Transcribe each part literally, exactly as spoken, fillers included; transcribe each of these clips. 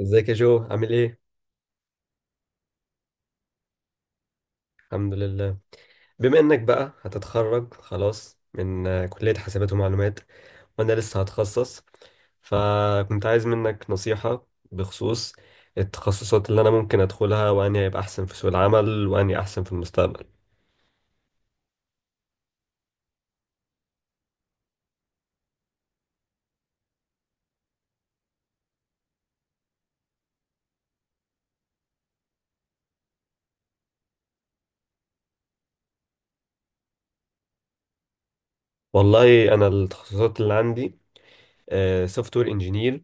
ازيك يا جو عامل ايه؟ الحمد لله. بما انك بقى هتتخرج خلاص من آه، كلية حاسبات ومعلومات، وانا لسه هتخصص، فكنت عايز منك نصيحة بخصوص التخصصات اللي انا ممكن ادخلها، واني هيبقى احسن في سوق العمل، واني احسن في المستقبل. والله انا التخصصات اللي عندي سوفت وير انجينير،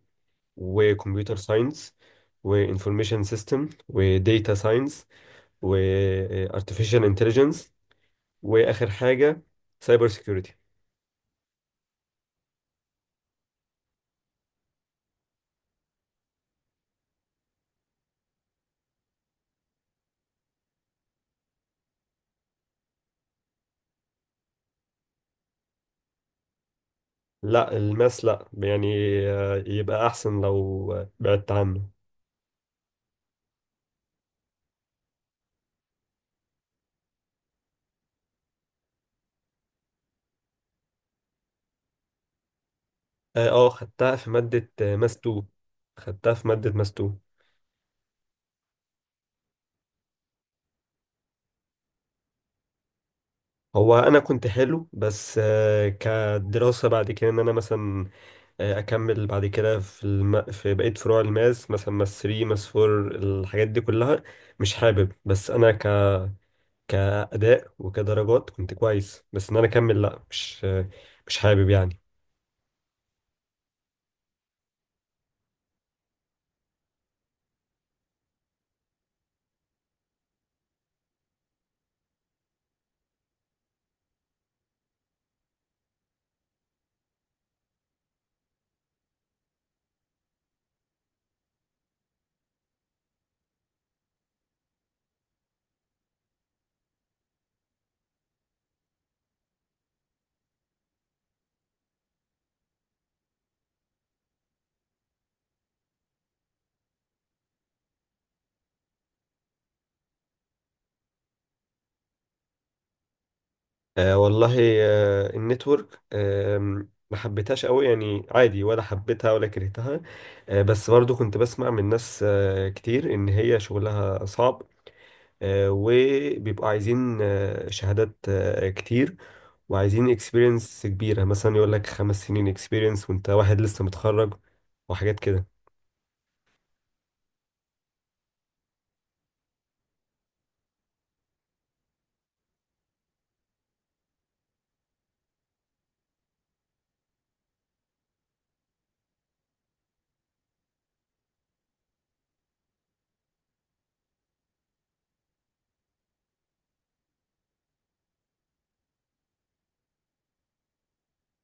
وكمبيوتر ساينس، وانفورميشن سيستم، وديتا ساينس، وارتفيشال انتليجنس، واخر حاجة سايبر سيكيورتي. لا الماس لا يعني، آه، يبقى احسن لو آه، بعدت عنه. اه، آه، خدتها في مادة آه، ماس اتنين. خدتها في مادة ماس اتنين. هو انا كنت حلو، بس آه، كدراسة بعد كده ان انا مثلا آه، اكمل بعد كده في الم... في بقية فروع الماس، مثلا ماس تلاتة ماس اربعة، الحاجات دي كلها مش حابب. بس انا ك... كأداء وكدرجات كنت كويس، بس ان انا اكمل لا، مش آه، مش حابب يعني. آه والله. آه النتورك آه ما حبيتهاش قوي يعني، عادي، ولا حبيتها ولا كرهتها. آه بس برضو كنت بسمع من ناس آه كتير ان هي شغلها صعب، آه وبيبقوا عايزين آه شهادات آه كتير، وعايزين اكسبيرينس كبيرة، مثلا يقول لك خمس سنين اكسبيرينس وانت واحد لسه متخرج، وحاجات كده.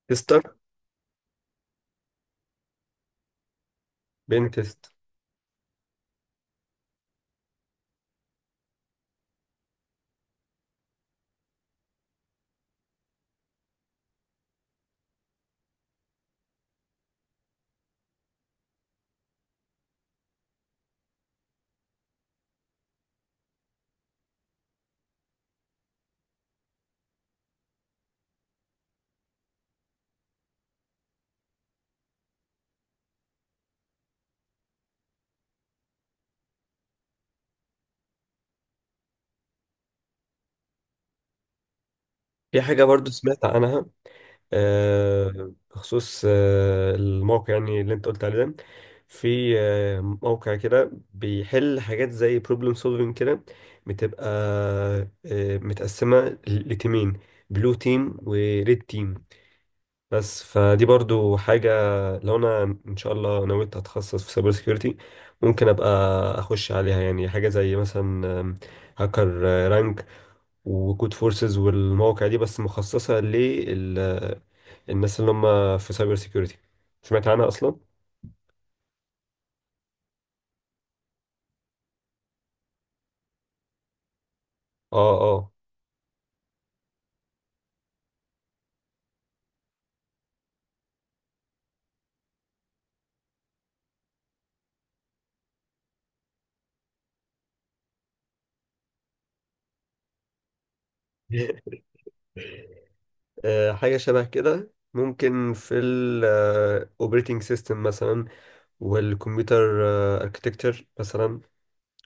تستر. بنتست. في حاجة برضو سمعت عنها آه، بخصوص آه، الموقع يعني اللي انت قلت عليه ده، في آه، موقع كده بيحل حاجات زي بروبلم سولفينج كده، بتبقى آه، متقسمة ل- لتيمين، بلو تيم وريد تيم. بس فدي برضو حاجة، لو انا ان شاء الله نويت اتخصص في سايبر سيكيورتي، ممكن ابقى اخش عليها، يعني حاجة زي مثلا هاكر رانك وكود فورسز والمواقع دي، بس مخصصة للناس اللي هم في سايبر سيكيورتي. سمعت عنها أصلا؟ اه، اه. آه، حاجة شبه كده، ممكن في الاوبريتنج سيستم مثلا، والكمبيوتر اركتكتشر مثلا،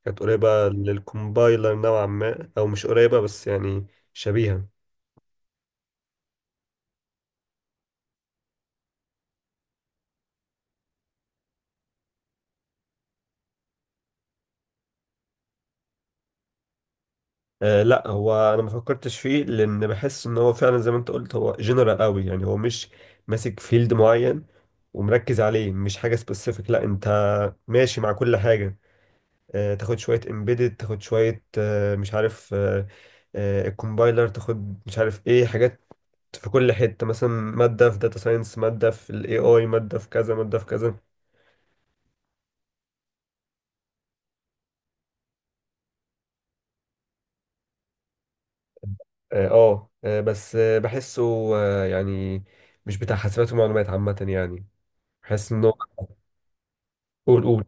كانت قريبة للكومبايلر نوعا ما، أو مش قريبة بس يعني شبيهة. آه لا هو انا ما فكرتش فيه، لان بحس ان هو فعلا زي ما انت قلت هو جنرال قوي يعني، هو مش ماسك فيلد معين ومركز عليه، مش حاجه سبيسيفيك، لا انت ماشي مع كل حاجه، آه تاخد شويه امبيدد، تاخد شويه آه مش عارف، آه آه الكومبايلر، تاخد مش عارف ايه حاجات في كل حته، مثلا ماده في داتا ساينس، ماده في الاي اي، ماده في كذا، ماده في كذا. اه، آه آه، بس آه بحسه آه يعني مش بتاع حاسبات ومعلومات عامه يعني، بحس ان هو... قول قول.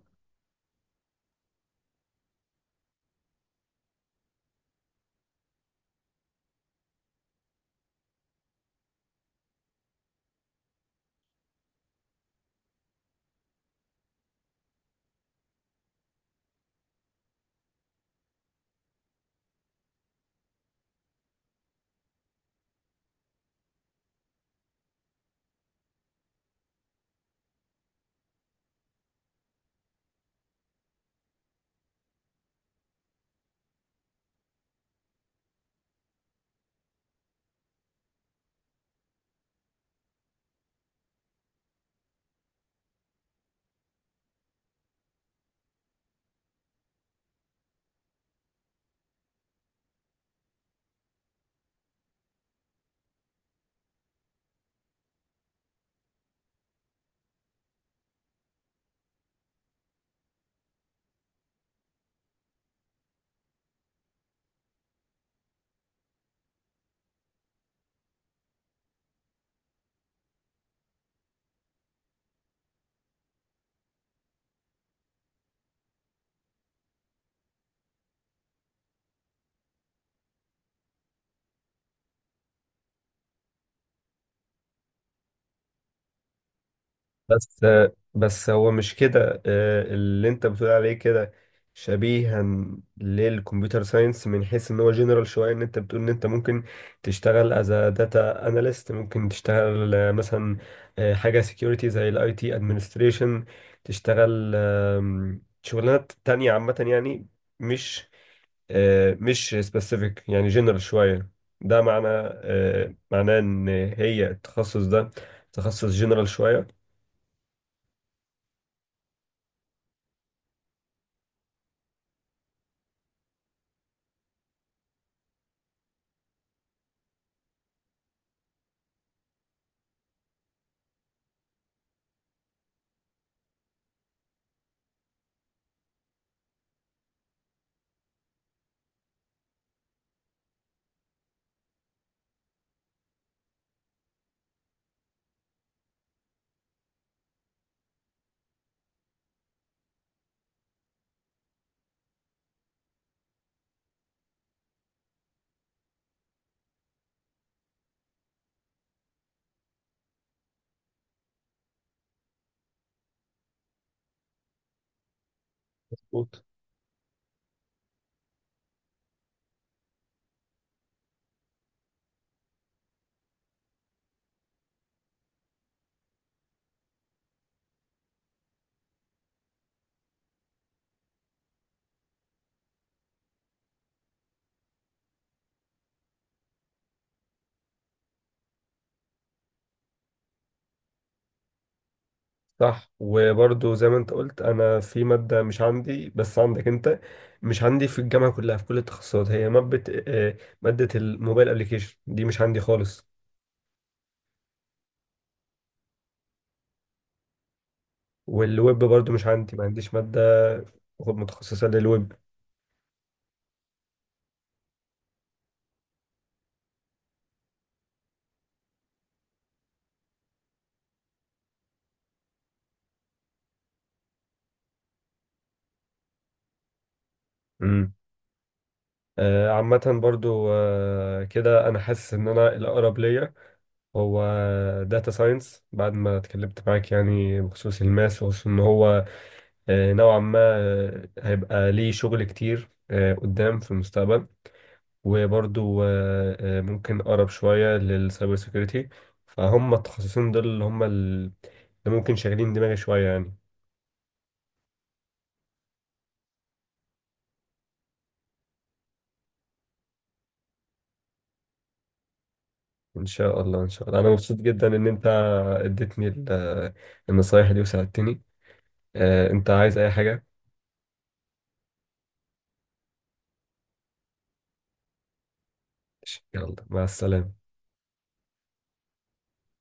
بس بس هو مش كده، آه، اللي انت بتقول عليه كده شبيها للكمبيوتر ساينس، من حيث ان هو جنرال شويه، ان انت بتقول ان انت ممكن تشتغل از داتا اناليست، ممكن تشتغل آه، مثلا آه، حاجه سكيورتي زي الاي تي ادمنستريشن، تشتغل آم، شغلانات تانية عامه يعني، مش آه، مش سبيسيفيك يعني جنرال شويه. ده معنى آه، معناه ان هي التخصص ده تخصص جنرال شويه. صح. وبرضه زي ما انت قلت، انا في ماده مش عندي بس عندك انت، مش عندي في الجامعه كلها في كل التخصصات، هي ماده آه، ماده الموبايل ابلكيشن دي مش عندي خالص. والويب برضه مش عندي، ما عنديش ماده متخصصه للويب. امم. آه، عامه برضه آه، كده انا حاسس ان انا الاقرب ليا هو داتا ساينس، بعد ما اتكلمت معاك يعني، بخصوص الماس، وخصوص ان هو آه، نوعا ما آه، هيبقى ليه شغل كتير آه، قدام في المستقبل، وبرضو آه، آه، ممكن اقرب شويه للسايبر سيكيورتي، فهم التخصصين دول اللي هم ال- اللي ممكن شاغلين دماغي شويه يعني. ان شاء الله ان شاء الله، انا مبسوط جدا ان انت اديتني ال- النصايح دي وساعدتني. آه، انت عايز اي حاجه؟ يلا مع السلامه.